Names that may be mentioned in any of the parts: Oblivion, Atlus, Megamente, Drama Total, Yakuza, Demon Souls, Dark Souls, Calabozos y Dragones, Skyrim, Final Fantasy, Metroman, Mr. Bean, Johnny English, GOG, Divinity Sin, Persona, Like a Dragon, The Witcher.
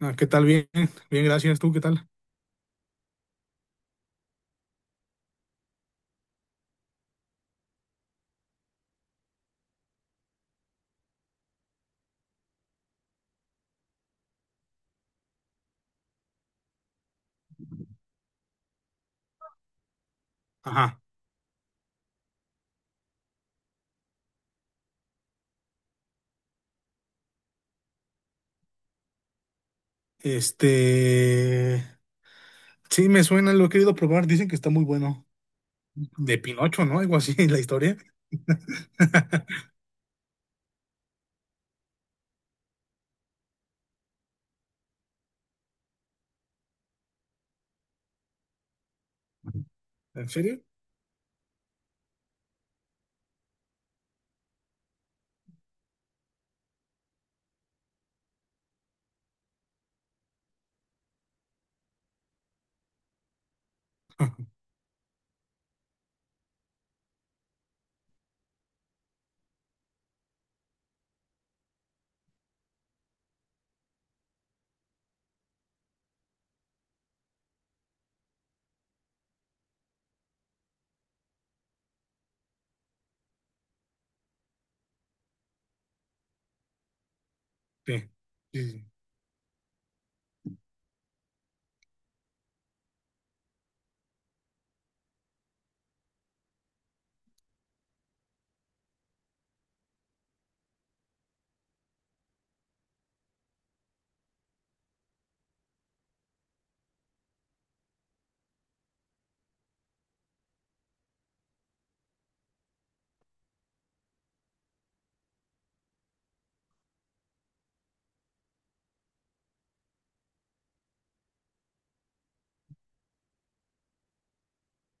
Ah, ¿Qué tal? Bien, bien, gracias. ¿Tú qué tal? Ajá. Este, sí, me suena, lo he querido probar. Dicen que está muy bueno. De Pinocho, ¿no? Algo así, la historia. ¿En serio? Sí. Sí, sí.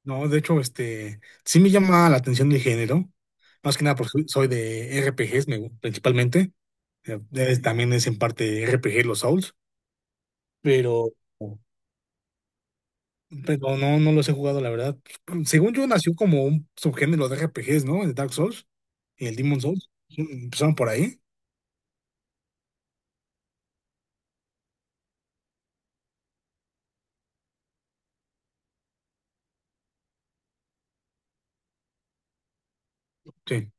No, de hecho, sí me llama la atención el género. Más que nada porque soy de RPGs, principalmente. También es en parte RPG los Souls, pero, pero no, no los he jugado, la verdad. Según yo, nació como un subgénero de RPGs, ¿no? De Dark Souls. Y el Demon Souls. Sí, empezaron por ahí. Sí.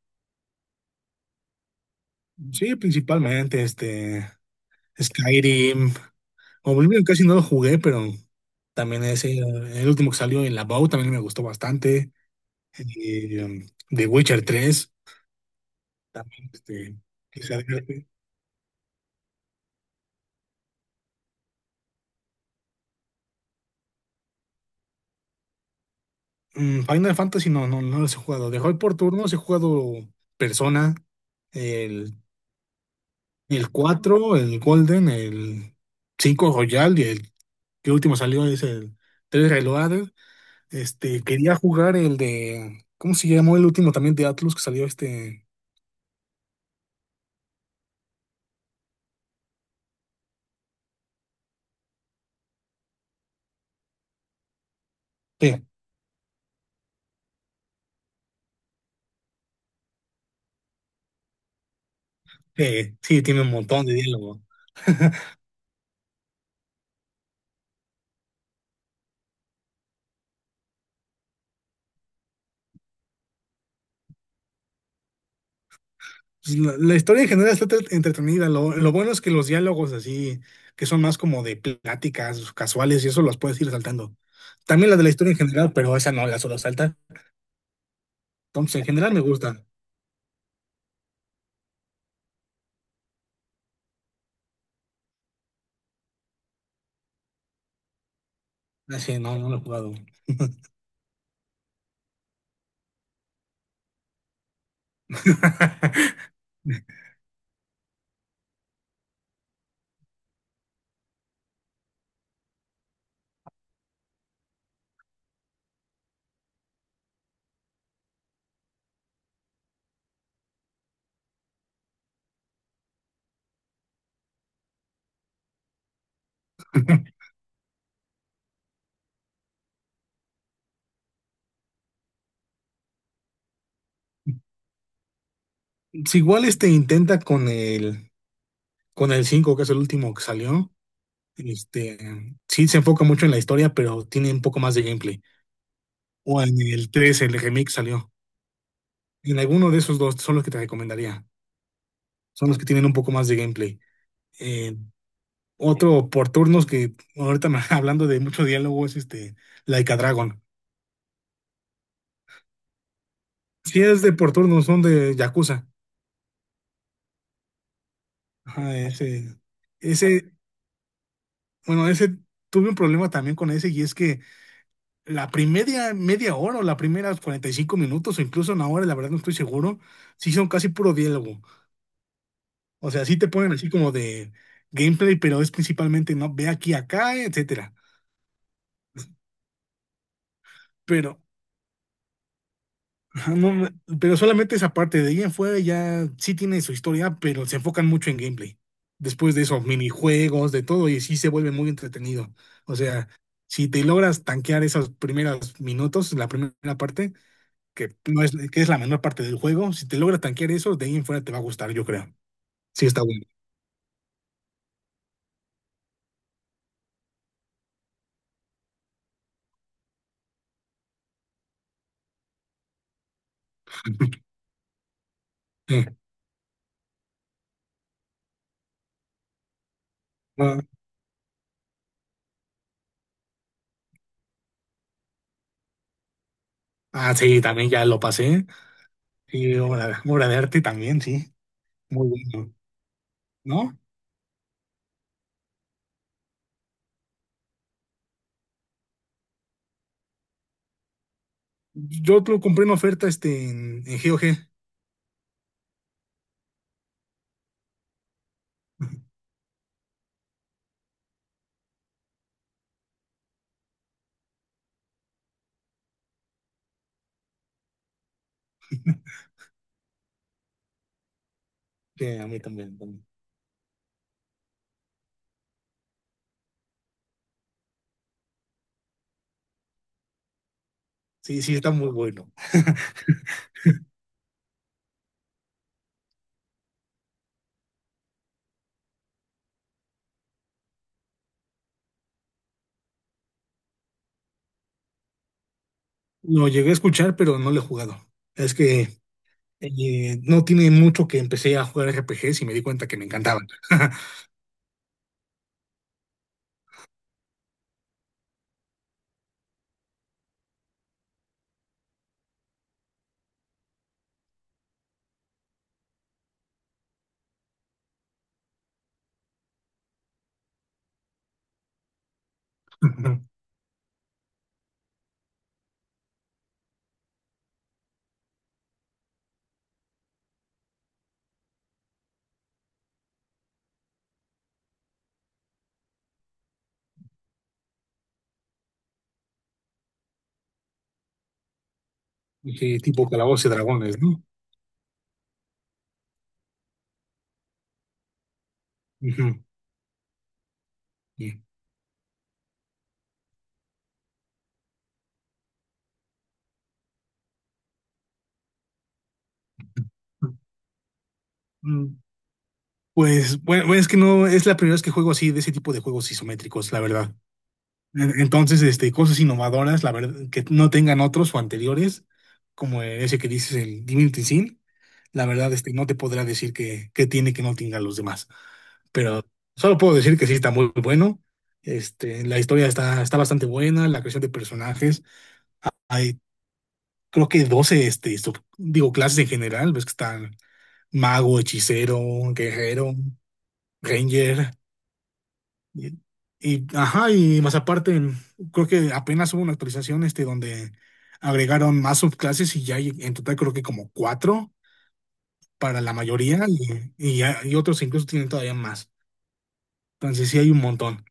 Sí, principalmente Skyrim. Oblivion casi no lo jugué, pero también ese, el último que salió, el About, también me gustó bastante. Y, The Witcher tres también, que se advierte. Final Fantasy no, no, no los he jugado. De hoy por turnos he jugado Persona, el, el 4 el Golden, el 5 Royal y el que último salió es el 3 Reloaded. Quería jugar el de, ¿cómo se llamó el último también de Atlus que salió este? Sí, sí, sí, tiene un montón de diálogo. Pues la historia en general está entretenida. Lo bueno es que los diálogos así, que son más como de pláticas casuales y eso las puedes ir saltando. También la de la historia en general, pero esa no, la solo salta. Entonces, en general me gusta. Así, no, no lo he jugado. Si igual intenta con el 5 que es el último que salió. Este, sí se enfoca mucho en la historia, pero tiene un poco más de gameplay. O en el 3 el remake salió. En alguno de esos dos son los que te recomendaría. Son los que tienen un poco más de gameplay. Eh, otro por turnos que ahorita hablando de mucho diálogo es este Like a Dragon. Sí es de por turnos, son de Yakuza. Ajá, ese, bueno, ese tuve un problema también con ese y es que la primera media hora o las primeras 45 minutos o incluso una hora, la verdad no estoy seguro, sí son casi puro diálogo. O sea, sí te ponen así como de gameplay, pero es principalmente, no, ve aquí, acá, etcétera. Pero, ajá, no, no, pero solamente esa parte de ahí en fuera ya sí tiene su historia, pero se enfocan mucho en gameplay. Después de eso, minijuegos, de todo, y sí se vuelve muy entretenido. O sea, si te logras tanquear esos primeros minutos, la primera parte, que no es, que es la menor parte del juego, si te logras tanquear eso, de ahí en fuera te va a gustar, yo creo. Sí está bueno. Ah, sí, también ya lo pasé. Y obra, obra de arte también, sí. Muy bueno, ¿no? Yo lo compré en oferta en GOG. Sí, a mí también, también. Sí, sí, está muy bueno. Lo llegué a escuchar, pero no lo he jugado. Es que no tiene mucho que empecé a jugar RPGs y me di cuenta que me encantaban. Dije, tipo Calabozos y Dragones, ¿no? Ujú, sí. Mm, Pues bueno, es que no es la primera vez que juego así de ese tipo de juegos isométricos, la verdad. Entonces, cosas innovadoras, la verdad, que no tengan otros o anteriores, como ese que dices, el Divinity Sin, la verdad, no te podrá decir que, tiene que no tengan los demás. Pero solo puedo decir que sí está muy bueno. La historia está bastante buena, la creación de personajes. Hay, creo que 12 digo, clases en general, ves que están mago, hechicero, guerrero, ranger. Y, ajá, y más aparte, creo que apenas hubo una actualización donde agregaron más subclases y ya hay en total creo que como cuatro para la mayoría y, y otros incluso tienen todavía más. Entonces sí hay un montón.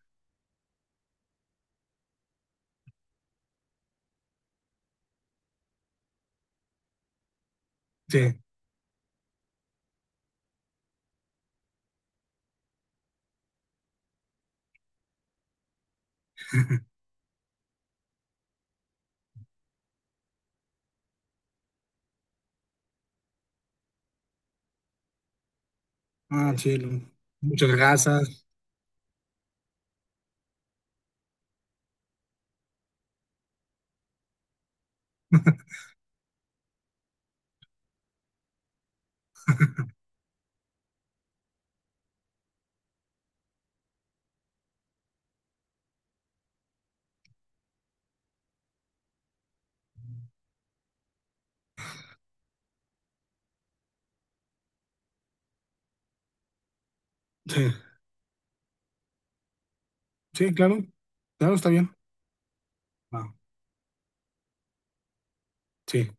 Sí. Ah, sí. Muchas gracias. Sí. Sí, claro. Claro, está bien. Ah, sí.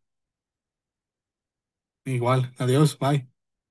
Igual. Adiós. Bye.